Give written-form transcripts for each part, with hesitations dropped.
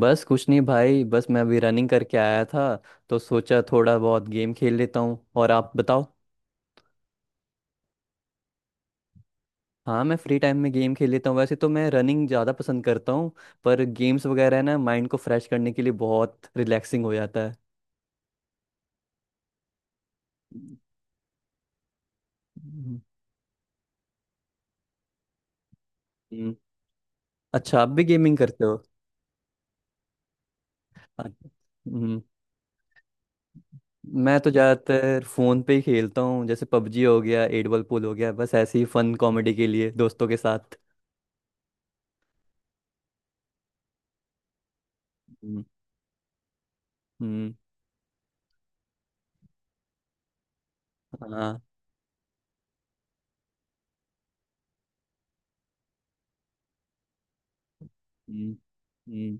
बस कुछ नहीं भाई। बस मैं अभी रनिंग करके आया था तो सोचा थोड़ा बहुत गेम खेल लेता हूँ। और आप बताओ। हाँ मैं फ्री टाइम में गेम खेल लेता हूँ। वैसे तो मैं रनिंग ज़्यादा पसंद करता हूँ पर गेम्स वगैरह ना माइंड को फ्रेश करने के लिए बहुत रिलैक्सिंग हो जाता है। हम्म, हम्म। अच्छा आप भी गेमिंग करते हो। अच्छा, हम्म, मैं तो ज़्यादातर फ़ोन पे ही खेलता हूँ जैसे पबजी हो गया एट बॉल पूल हो गया बस ऐसे ही फन कॉमेडी के लिए दोस्तों के साथ। हम्म हम्म, हाँ हम्म हम्म।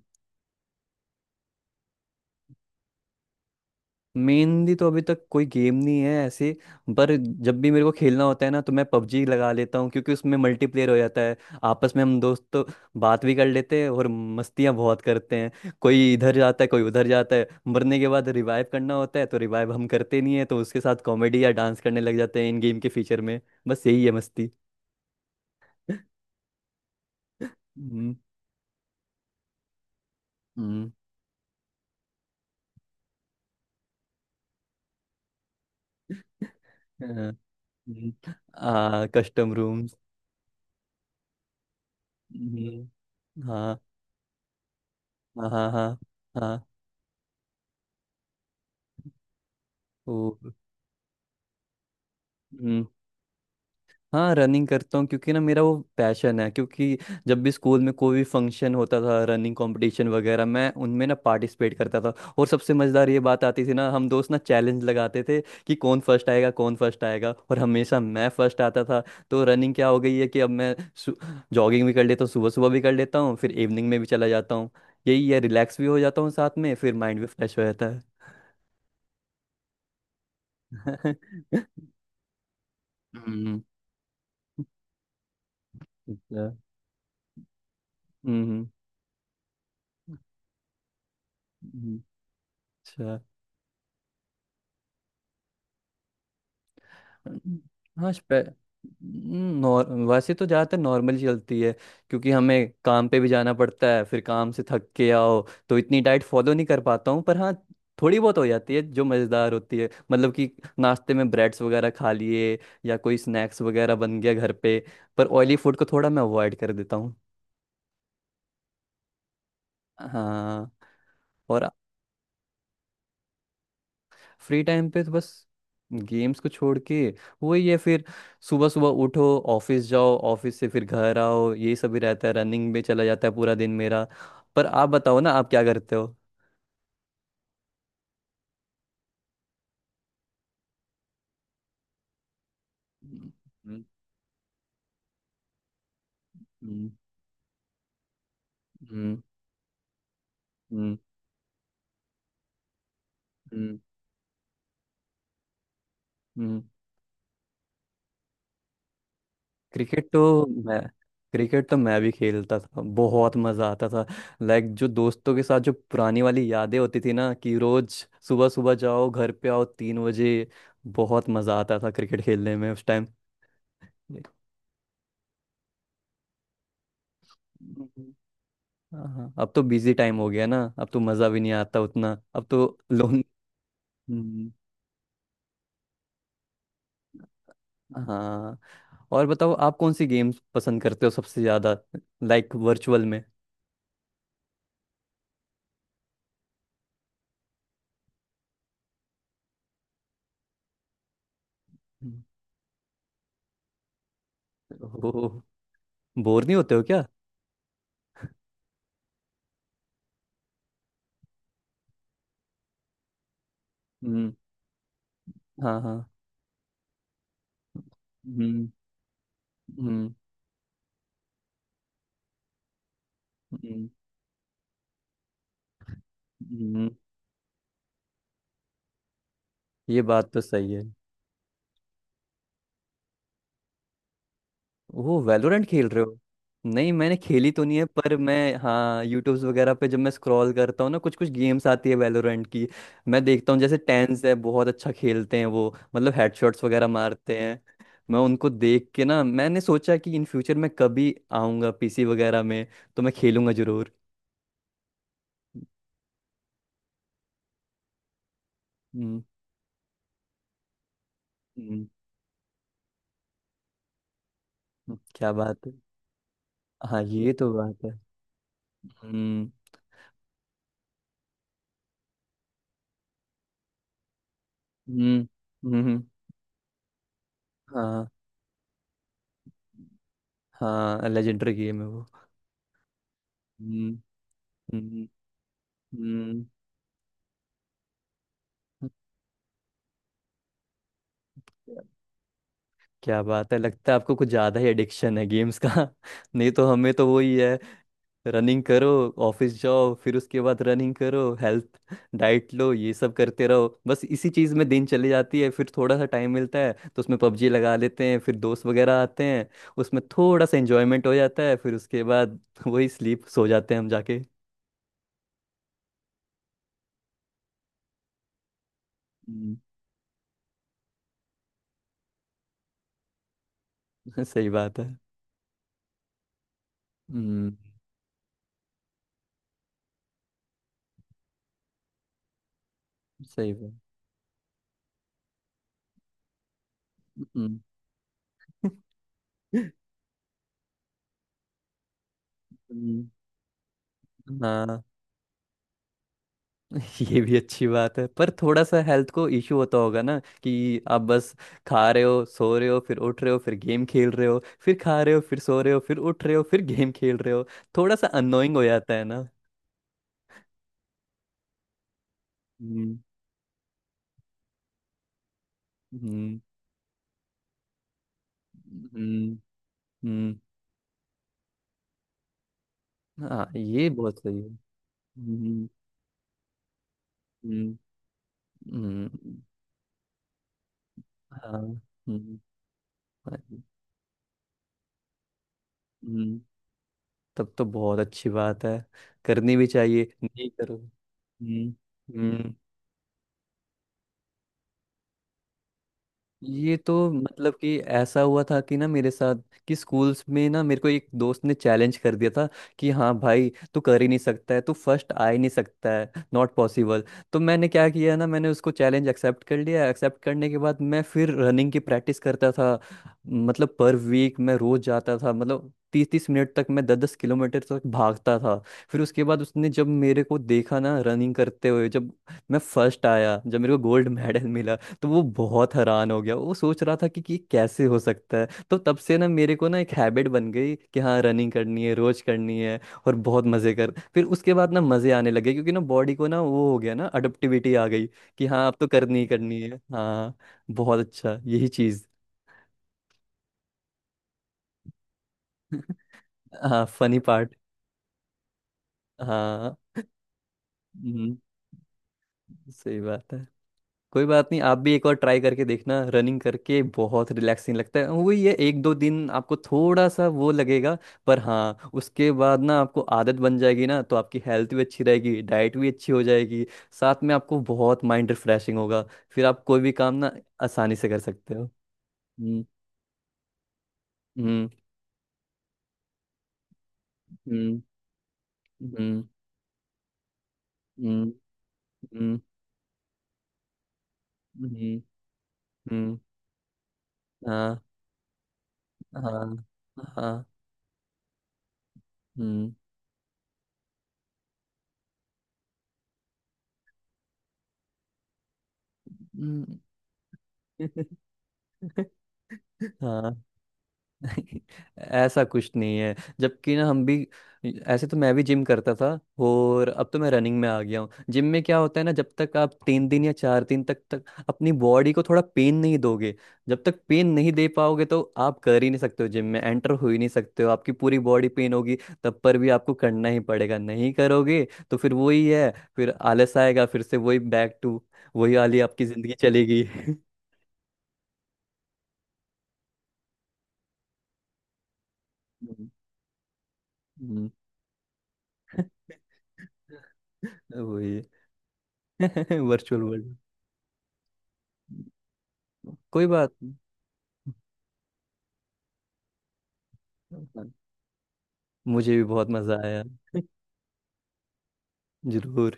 मेनली तो अभी तक कोई गेम नहीं है ऐसे पर जब भी मेरे को खेलना होता है ना तो मैं पबजी लगा लेता हूँ क्योंकि उसमें मल्टीप्लेयर हो जाता है। आपस में हम दोस्त तो बात भी कर लेते हैं और मस्तियाँ बहुत करते हैं। कोई इधर जाता है कोई उधर जाता है मरने के बाद रिवाइव करना होता है तो रिवाइव हम करते नहीं है तो उसके साथ कॉमेडी या डांस करने लग जाते हैं इन गेम के फीचर में। बस यही है मस्ती। हम्म हम्म हाँ, हम्म, आ कस्टम रूम्स। हम्म हाँ हाँ हाँ हाँ हाँ, ओ। हाँ रनिंग करता हूँ क्योंकि ना मेरा वो पैशन है क्योंकि जब भी स्कूल में कोई भी फंक्शन होता था रनिंग कंपटीशन वगैरह मैं उनमें ना पार्टिसिपेट करता था। और सबसे मज़ेदार ये बात आती थी ना हम दोस्त ना चैलेंज लगाते थे कि कौन फर्स्ट आएगा कौन फर्स्ट आएगा। और हमेशा मैं फर्स्ट आता था तो रनिंग क्या हो गई है कि अब मैं जॉगिंग भी कर लेता हूँ। सुबह सुबह भी कर लेता हूँ फिर इवनिंग में भी चला जाता हूँ। यही है रिलैक्स भी हो जाता हूँ साथ में फिर माइंड भी फ्रेश हो जाता है। हम्म अच्छा हम्म हम्म, अच्छा। हम्म, हाँ स्पे नॉर वैसे तो ज़्यादातर नॉर्मल चलती है क्योंकि हमें काम पे भी जाना पड़ता है फिर काम से थक के आओ तो इतनी डाइट फॉलो नहीं कर पाता हूँ। पर हाँ थोड़ी बहुत हो जाती है जो मज़ेदार होती है मतलब कि नाश्ते में ब्रेड्स वगैरह खा लिए या कोई स्नैक्स वगैरह बन गया घर पे। पर ऑयली फूड को थोड़ा मैं अवॉइड कर देता हूँ। हाँ। और फ्री टाइम पे तो बस गेम्स को छोड़ के वही है। फिर सुबह सुबह उठो ऑफिस जाओ ऑफिस से फिर घर आओ ये सब ही रहता है। रनिंग में चला जाता है पूरा दिन मेरा। पर आप बताओ ना आप क्या करते हो। हम्म हम्म हम्म हम्म हम्म, हम्म। क्रिकेट तो मैं क्रिकेट तो मैं भी खेलता था। बहुत मज़ा आता था। लाइक जो दोस्तों के साथ जो पुरानी वाली यादें होती थी ना कि रोज सुबह सुबह जाओ घर पे आओ 3 बजे। बहुत मज़ा आता था क्रिकेट खेलने में उस टाइम। हम्म। हाँ हाँ, अब तो बिजी टाइम हो गया ना। अब तो मज़ा भी नहीं आता उतना अब तो लोन। हम्म, हाँ। और बताओ आप कौन सी गेम्स पसंद करते हो सबसे ज़्यादा। लाइक वर्चुअल में। ओह बोर नहीं होते हो क्या। हम्म हाँ हाँ हम्म हम्म हम्म हम्म, ये बात तो सही है। वो वैलोरेंट खेल रहे हो। नहीं मैंने खेली तो नहीं है पर मैं हाँ यूट्यूब्स वगैरह पे जब मैं स्क्रॉल करता हूँ ना कुछ कुछ गेम्स आती है वैलोरेंट की। मैं देखता हूँ जैसे टेंस है बहुत अच्छा खेलते हैं वो। मतलब हेडशॉट्स वगैरह मारते हैं। मैं उनको देख के ना मैंने सोचा कि इन फ्यूचर मैं कभी आऊँगा पीसी वगैरह में तो मैं खेलूंगा जरूर। हम्म हम्म, क्या बात है। हाँ ये तो बात है। हम्म हम्म हम्म हम्म, हाँ। हाँ लेजेंडरी गेम है वो। हम्म हम्म, हम्म क्या बात है लगता है आपको कुछ ज्यादा ही एडिक्शन है गेम्स का। नहीं तो हमें तो वही है रनिंग करो ऑफिस जाओ फिर उसके बाद रनिंग करो हेल्थ डाइट लो ये सब करते रहो। बस इसी चीज में दिन चली जाती है फिर थोड़ा सा टाइम मिलता है तो उसमें पबजी लगा लेते हैं फिर दोस्त वगैरह आते हैं। उसमें थोड़ा सा एंजॉयमेंट हो जाता है फिर उसके बाद वही स्लीप सो जाते हैं हम जाके। हम्म, सही बात है। हम्म सही बात हम्म। हम्म, हाँ। ये भी अच्छी बात है पर थोड़ा सा हेल्थ को इश्यू होता होगा ना कि आप बस खा रहे हो सो रहे हो फिर उठ रहे हो फिर गेम खेल रहे हो फिर खा रहे हो फिर सो रहे हो फिर उठ रहे हो फिर गेम खेल रहे हो। थोड़ा सा अननोइंग हो जाता है ना। हम्म हम्म हम्म हम्म। हाँ ये बहुत सही है। हम्म हम्म हम्म, हाँ हम्म हाँ, हम्म। तब तो बहुत अच्छी बात है। करनी भी चाहिए नहीं करो। हम्म। हम्म। ये तो मतलब कि ऐसा हुआ था कि ना मेरे साथ कि स्कूल्स में ना मेरे को एक दोस्त ने चैलेंज कर दिया था कि हाँ भाई तू कर ही नहीं सकता है तू फर्स्ट आ ही नहीं सकता है नॉट पॉसिबल। तो मैंने क्या किया ना मैंने उसको चैलेंज एक्सेप्ट कर लिया। एक्सेप्ट करने के बाद मैं फिर रनिंग की प्रैक्टिस करता था मतलब पर वीक मैं रोज जाता था। मतलब 30-30 मिनट तक मैं 10-10 किलोमीटर तक भागता था। फिर उसके बाद उसने जब मेरे को देखा ना रनिंग करते हुए जब मैं फर्स्ट आया जब मेरे को गोल्ड मेडल मिला तो वो बहुत हैरान हो गया। वो सोच रहा था कि ये कैसे हो सकता है। तो तब से ना मेरे को ना एक हैबिट बन गई कि हाँ रनिंग करनी है रोज करनी है। और बहुत मजे कर फिर उसके बाद ना मजे आने लगे क्योंकि ना बॉडी को ना वो हो गया ना अडप्टिविटी आ गई कि हाँ अब तो करनी ही करनी है। हाँ बहुत अच्छा यही चीज। हाँ फनी पार्ट। हाँ। हम्म, सही बात है। कोई बात नहीं आप भी एक बार ट्राई करके देखना रनिंग करके। बहुत रिलैक्सिंग लगता है वही है एक दो दिन आपको थोड़ा सा वो लगेगा। पर हाँ उसके बाद ना आपको आदत बन जाएगी ना तो आपकी हेल्थ भी अच्छी रहेगी डाइट भी अच्छी हो जाएगी। साथ में आपको बहुत माइंड रिफ्रेशिंग होगा फिर आप कोई भी काम ना आसानी से कर सकते हो। हम्म हम्म हम्म हम्म हम्म हम्म हम्म हम्म, हाँ हाँ हाँ हम्म हम्म, हाँ। ऐसा कुछ नहीं है जबकि ना हम भी ऐसे तो मैं भी जिम करता था। और अब तो मैं रनिंग में आ गया हूँ। जिम में क्या होता है ना जब तक आप 3 दिन या 4 दिन तक तक अपनी बॉडी को थोड़ा पेन नहीं दोगे जब तक पेन नहीं दे पाओगे तो आप कर ही नहीं सकते हो जिम में एंटर हो ही नहीं सकते हो आपकी पूरी बॉडी पेन होगी। तब पर भी आपको करना ही पड़ेगा। नहीं करोगे तो फिर वही है फिर आलस आएगा फिर से वही बैक टू वही वाली आपकी जिंदगी चलेगी। हम्म, हम्म, वही वर्चुअल वर्ल्ड। कोई बात नहीं। मुझे भी बहुत मजा आया। जरूर।